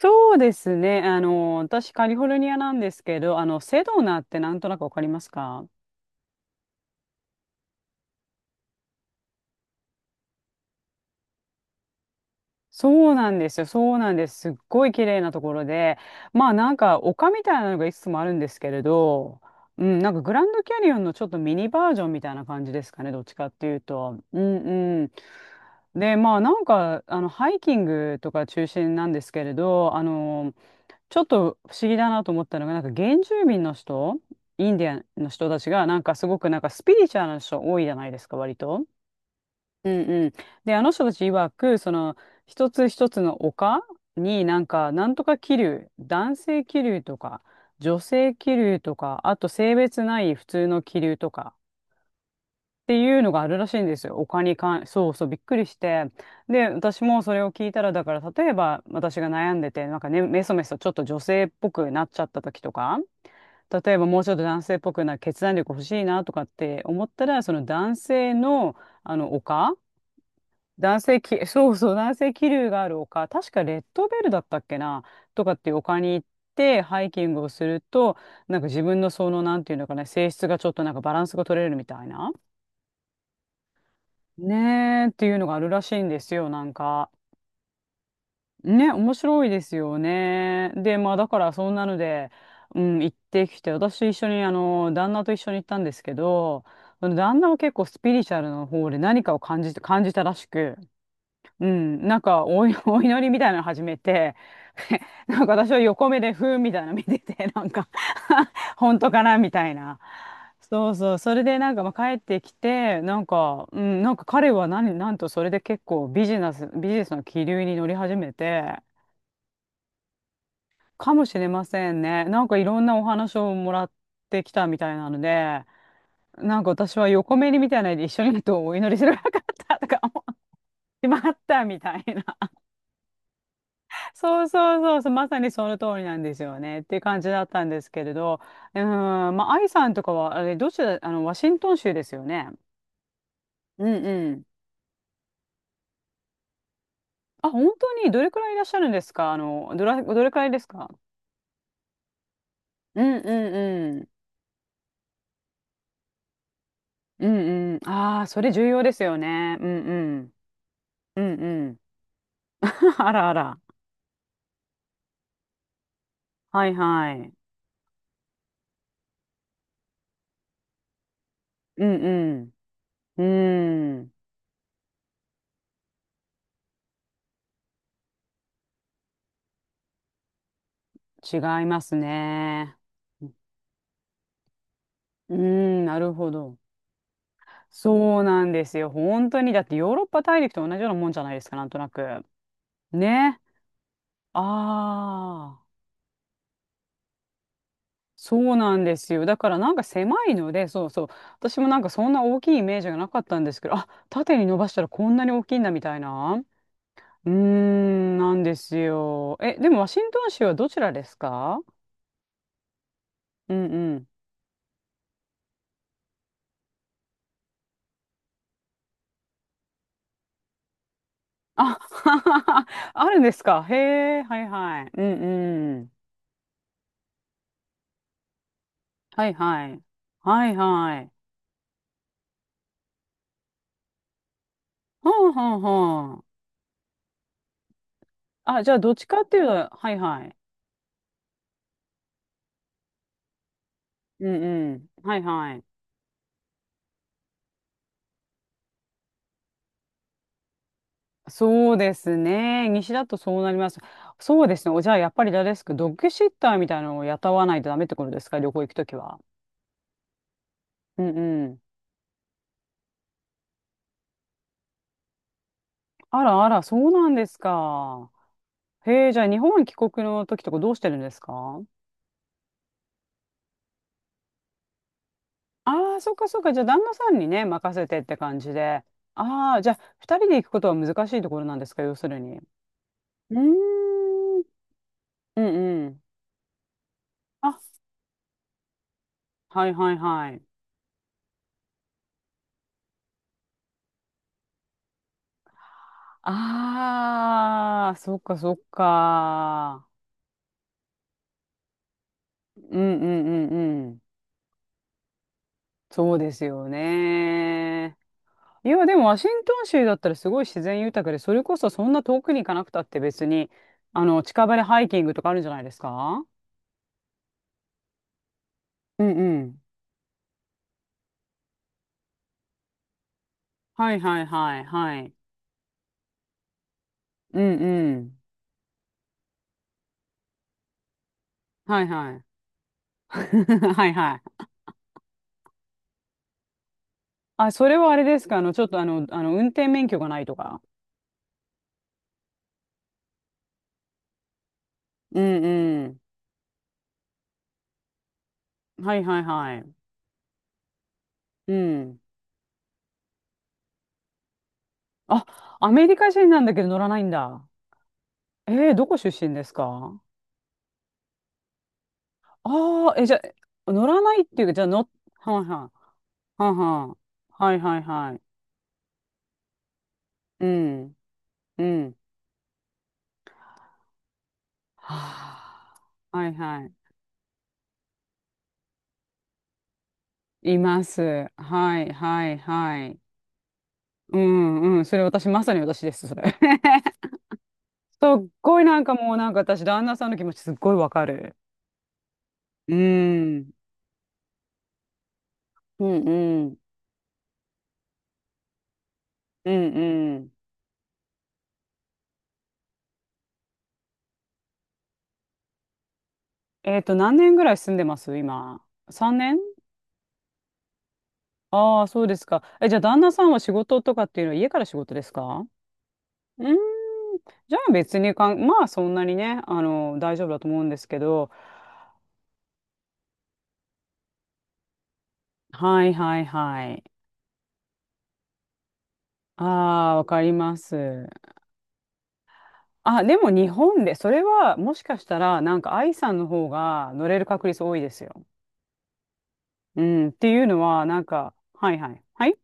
そうですね。私、カリフォルニアなんですけど、セドナってなんとなくわかりますか？そうなんですよ。そうなんです。すっごい綺麗なところで、まあなんか丘みたいなのがいくつもあるんですけれど、うん、なんかグランドキャニオンのちょっとミニバージョンみたいな感じですかね。どっちかっていうと。うんうん。で、まあなんか、ハイキングとか中心なんですけれど、ちょっと不思議だなと思ったのが、なんか原住民の人、インディアンの人たちが、なんかすごくなんかスピリチュアルな人多いじゃないですか、割と。うんうん。で、あの人たち曰く、一つ一つの丘になんか、なんとか気流、男性気流とか、女性気流とか、あと性別ない普通の気流とか、っていうのがあるらしいんですよ。お金に関、そうそう、びっくりして。で、私もそれを聞いたら、だから、例えば、私が悩んでて、なんかね、メソメソちょっと女性っぽくなっちゃった時とか、例えばもうちょっと男性っぽくな決断力欲しいなとかって思ったら、その男性の、丘、男性き、そうそう、男性気流がある丘、確かレッドベルだったっけな、とかっていう丘に行って、ハイキングをすると、なんか自分のその、なんていうのかな、性質がちょっとなんかバランスが取れるみたいな。ねえ、っていうのがあるらしいんですよ、なんか。ね、面白いですよね。で、まあだからそんなので、うん、行ってきて、私一緒に、旦那と一緒に行ったんですけど、旦那は結構スピリチュアルの方で何かを感じて、感じたらしく、うん、なんかお祈りみたいなの始めて、なんか私は横目でふーんみたいなの見てて、なんか 本当かなみたいな。そうそう、それでなんかまあ帰ってきて、なんか、うん、なんか彼は何、なんとそれで結構ビジネスの気流に乗り始めて、かもしれませんね。なんかいろんなお話をもらってきたみたいなので、なんか私は横目にみたいなので一緒にいるとお祈りすればよかったとか思って しまったみたいな。そうそうそうそう、まさにその通りなんですよねっていう感じだったんですけれど、まあ、愛さんとかは、あれ、どちら、ワシントン州ですよね。うんうん。あ、本当に、どれくらいいらっしゃるんですか？どれくらいですか？うんうんうん。うんうん。ああ、それ重要ですよね。うんうん。うんうん。あらあら。はいはい。うんうん。うん。違いますね。うん、なるほど。そうなんですよ。本当に。だってヨーロッパ大陸と同じようなもんじゃないですか、なんとなく。ね。ああ、そうなんですよ。だからなんか狭いので、そうそう。私もなんかそんな大きいイメージがなかったんですけど、あ、縦に伸ばしたらこんなに大きいんだみたいな。うーん、なんですよ。え、でもワシントン州はどちらですか？うんうん。あ、あるんですか？へえ、はいはい。うんうん。はいはい。はいはい。はあはあはあ、じゃあ、どっちかっていうと、はいはい。うんうん。はいはい。そうですね。西だとそうなります。そうですね。お、じゃあ、やっぱり誰ですか、ドッグシッターみたいなのを雇わないとダメってことですか？旅行行くときは。うんうん。あらあら、そうなんですか？へえ、じゃあ、日本帰国の時とかどうしてるんですか？ああ、そっかそっか。じゃあ、旦那さんにね、任せてって感じで。ああ、じゃあ、二人で行くことは難しいところなんですか、要するに？うーん。うんうん。あ、はいはいはい。ああ、そっかそっか。うんうんうんうん。そうですよね。いや、でもワシントン州だったらすごい自然豊かで、それこそそんな遠くに行かなくたって別に、近場でハイキングとかあるんじゃないですか？うんうん。はいはいはいはい。うんうん。はいはい。はいはい。あ、それはあれですか、あの、ちょっとあの、あの、運転免許がないとか。うんうん。はいはいはい。うん。あ、アメリカ人なんだけど乗らないんだ。どこ出身ですか？ああー、え、じゃあ、乗らないっていうか、じゃあはんはん、はんはん、はいはいはい。うん、うん。はあ、はいはい。います。はいはいはい。うんうん。それ私、まさに私です、それ。すっごいなんかもうなんか私、旦那さんの気持ちすっごいわかる。うん。うんうん。うんうん。何年ぐらい住んでます今？3年？ああ、そうですか。え、じゃあ、旦那さんは仕事とかっていうのは家から仕事ですか？うーん。じゃあ、別にかん、まあ、そんなにね、大丈夫だと思うんですけど。はいはいはい。ああ、わかります。あ、でも日本で、それはもしかしたら、なんか愛さんの方が乗れる確率多いですよ。うん、っていうのは、なんか、はいはい。はい。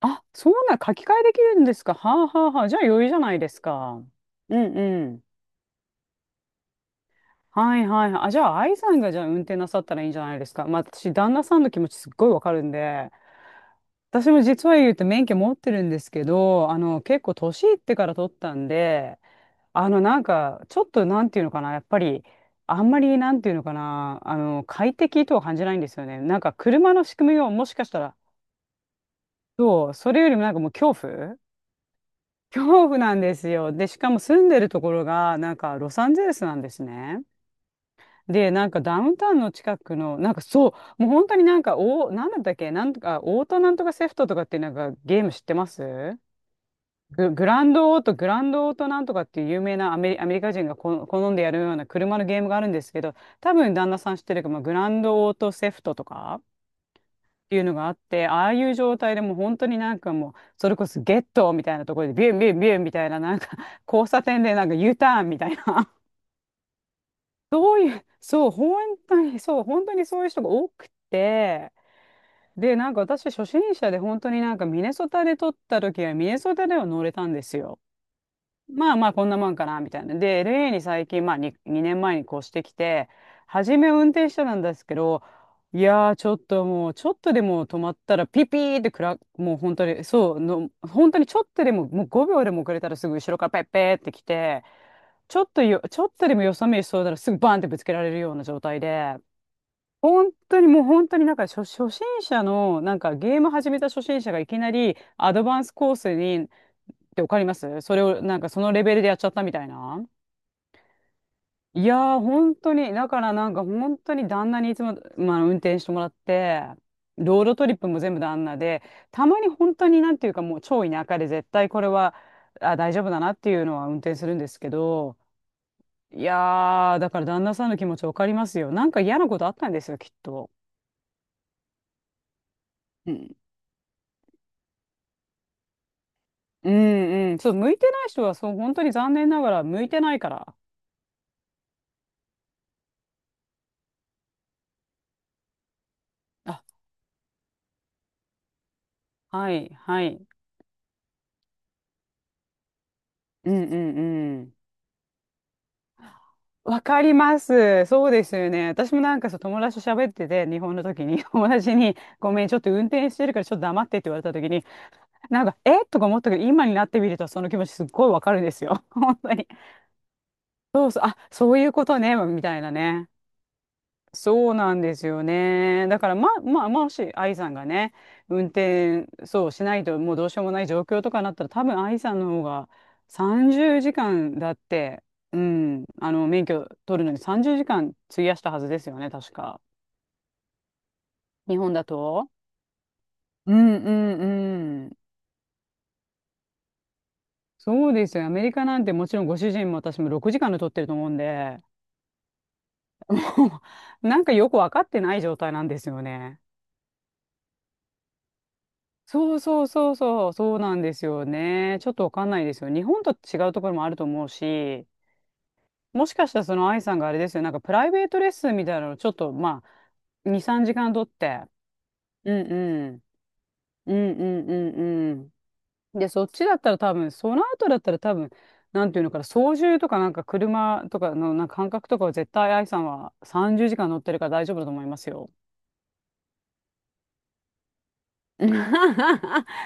あ、そうな、書き換えできるんですか？はあはあはあ。じゃあ、余裕じゃないですか。うんうん。はいはいはい。あ、じゃあ、愛さんがじゃあ運転なさったらいいんじゃないですか。まあ、私、旦那さんの気持ちすっごいわかるんで、私も実は言うと免許持ってるんですけど、結構年いってから取ったんで、なんか、ちょっとなんていうのかな、やっぱり、あんまりなんていうのかな、快適とは感じないんですよね。なんか、車の仕組みをもしかしたら、そう、それよりもなんかもう恐怖なんですよ。で、しかも住んでるところが、なんか、ロサンゼルスなんですね。で、なんかダウンタウンの近くの、なんかそう、もう本当になんか、なんだったっけ、なんとか、オートなんとかセフトとかってなんかゲーム知ってます？グランドオートなんとかっていう有名なアメリカ人が好んでやるような車のゲームがあるんですけど、多分旦那さん知ってるかも、グランドオートセフトとかっていうのがあって、ああいう状態でもう本当になんかもう、それこそゲットみたいなところでビュンビュンビュンみたいな、なんか交差点でなんか U ターンみたいな。そう、本当にそういう人が多くて、で、なんか私初心者で本当になんかミネソタで撮った時はミネソタでは乗れたんですよ。まあまあこんなもんかなみたいな。で、LA に最近、まあ 2年前に越してきて、初め運転してたんですけど、いやー、ちょっと、もうちょっとでも止まったらピピーってもう本当にそうの、本当にちょっとでももう5秒でも遅れたらすぐ後ろからペッペーって来て、ちょっとでもよさめしそうだらすぐバンってぶつけられるような状態で、本当にもう本当になんか初心者のなんかゲーム始めた初心者がいきなりアドバンスコースにって、わかります？それをなんかそのレベルでやっちゃったみたいな。いやー、本当にだからなんか本当に旦那にいつも、まあ、運転してもらって、ロードトリップも全部旦那で、たまに本当になんていうかもう超田舎で、絶対これはあ大丈夫だなっていうのは運転するんですけど、いやー、だから旦那さんの気持ちわかりますよ、なんか嫌なことあったんですよ、きっと。うんうん。そう、向いてない人は、そう、本当に残念ながら向いてないから。あ、はい、はい。うんうんうん。わかります。そうですよね。私もなんかそう友達と喋ってて、日本の時に、友達に、ごめん、ちょっと運転してるからちょっと黙ってって言われた時に、なんか、えとか思ったけど、今になってみるとその気持ちすっごいわかるんですよ。本当に。そうそう、あ、そういうことね、みたいなね。そうなんですよね。だから、まあ、もし愛さんがね、運転、そうしないともうどうしようもない状況とかになったら、多分愛さんの方が30時間だって、うん、あの、免許取るのに30時間費やしたはずですよね、確か。日本だと。うんうんうん。そうですよ。アメリカなんてもちろんご主人も私も6時間で取ってると思うんで、もうなんかよくわかってない状態なんですよね。そうそうそうそう、そうなんですよね。ちょっとわかんないですよ。日本と違うところもあると思うし、もしかしたらその愛さんがあれですよ、なんかプライベートレッスンみたいなのをちょっと、まあ、2、3時間取って、うんうん、うんうんうんうん。で、そっちだったら多分、その後だったら多分、なんていうのかな、操縦とかなんか車とかのなんか感覚とかは絶対愛さんは30時間乗ってるから大丈夫だと思いますよ。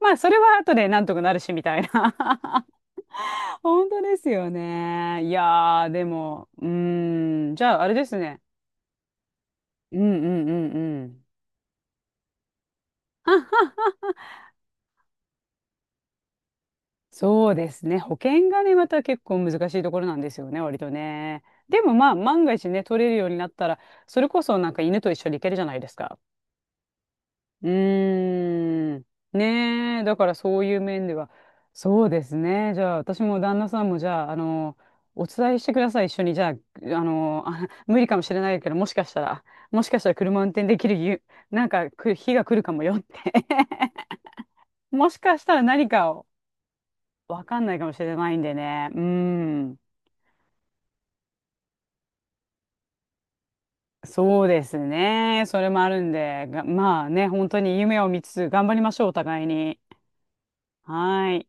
まあ、それは後でなんとかなるし、みたいな。本当ですよね。いやー、でも、うーん、じゃあ、あれですね。うんうんうんうん。そうですね。保険がね、また結構難しいところなんですよね、割とね。でもまあ、万が一ね、取れるようになったら、それこそなんか犬と一緒に行けるじゃないですか。うーん。ねえ、だからそういう面では。そうですね。じゃあ、私も旦那さんも、じゃあ、あの、お伝えしてください、一緒に。じゃあ、あの、あ、無理かもしれないけど、もしかしたら車運転できるなんか、日が来るかもよって。もしかしたら何かを、わかんないかもしれないんでね。うーん。そうですね。それもあるんで、まあね、本当に夢を見つつ、頑張りましょう、お互いに。はーい。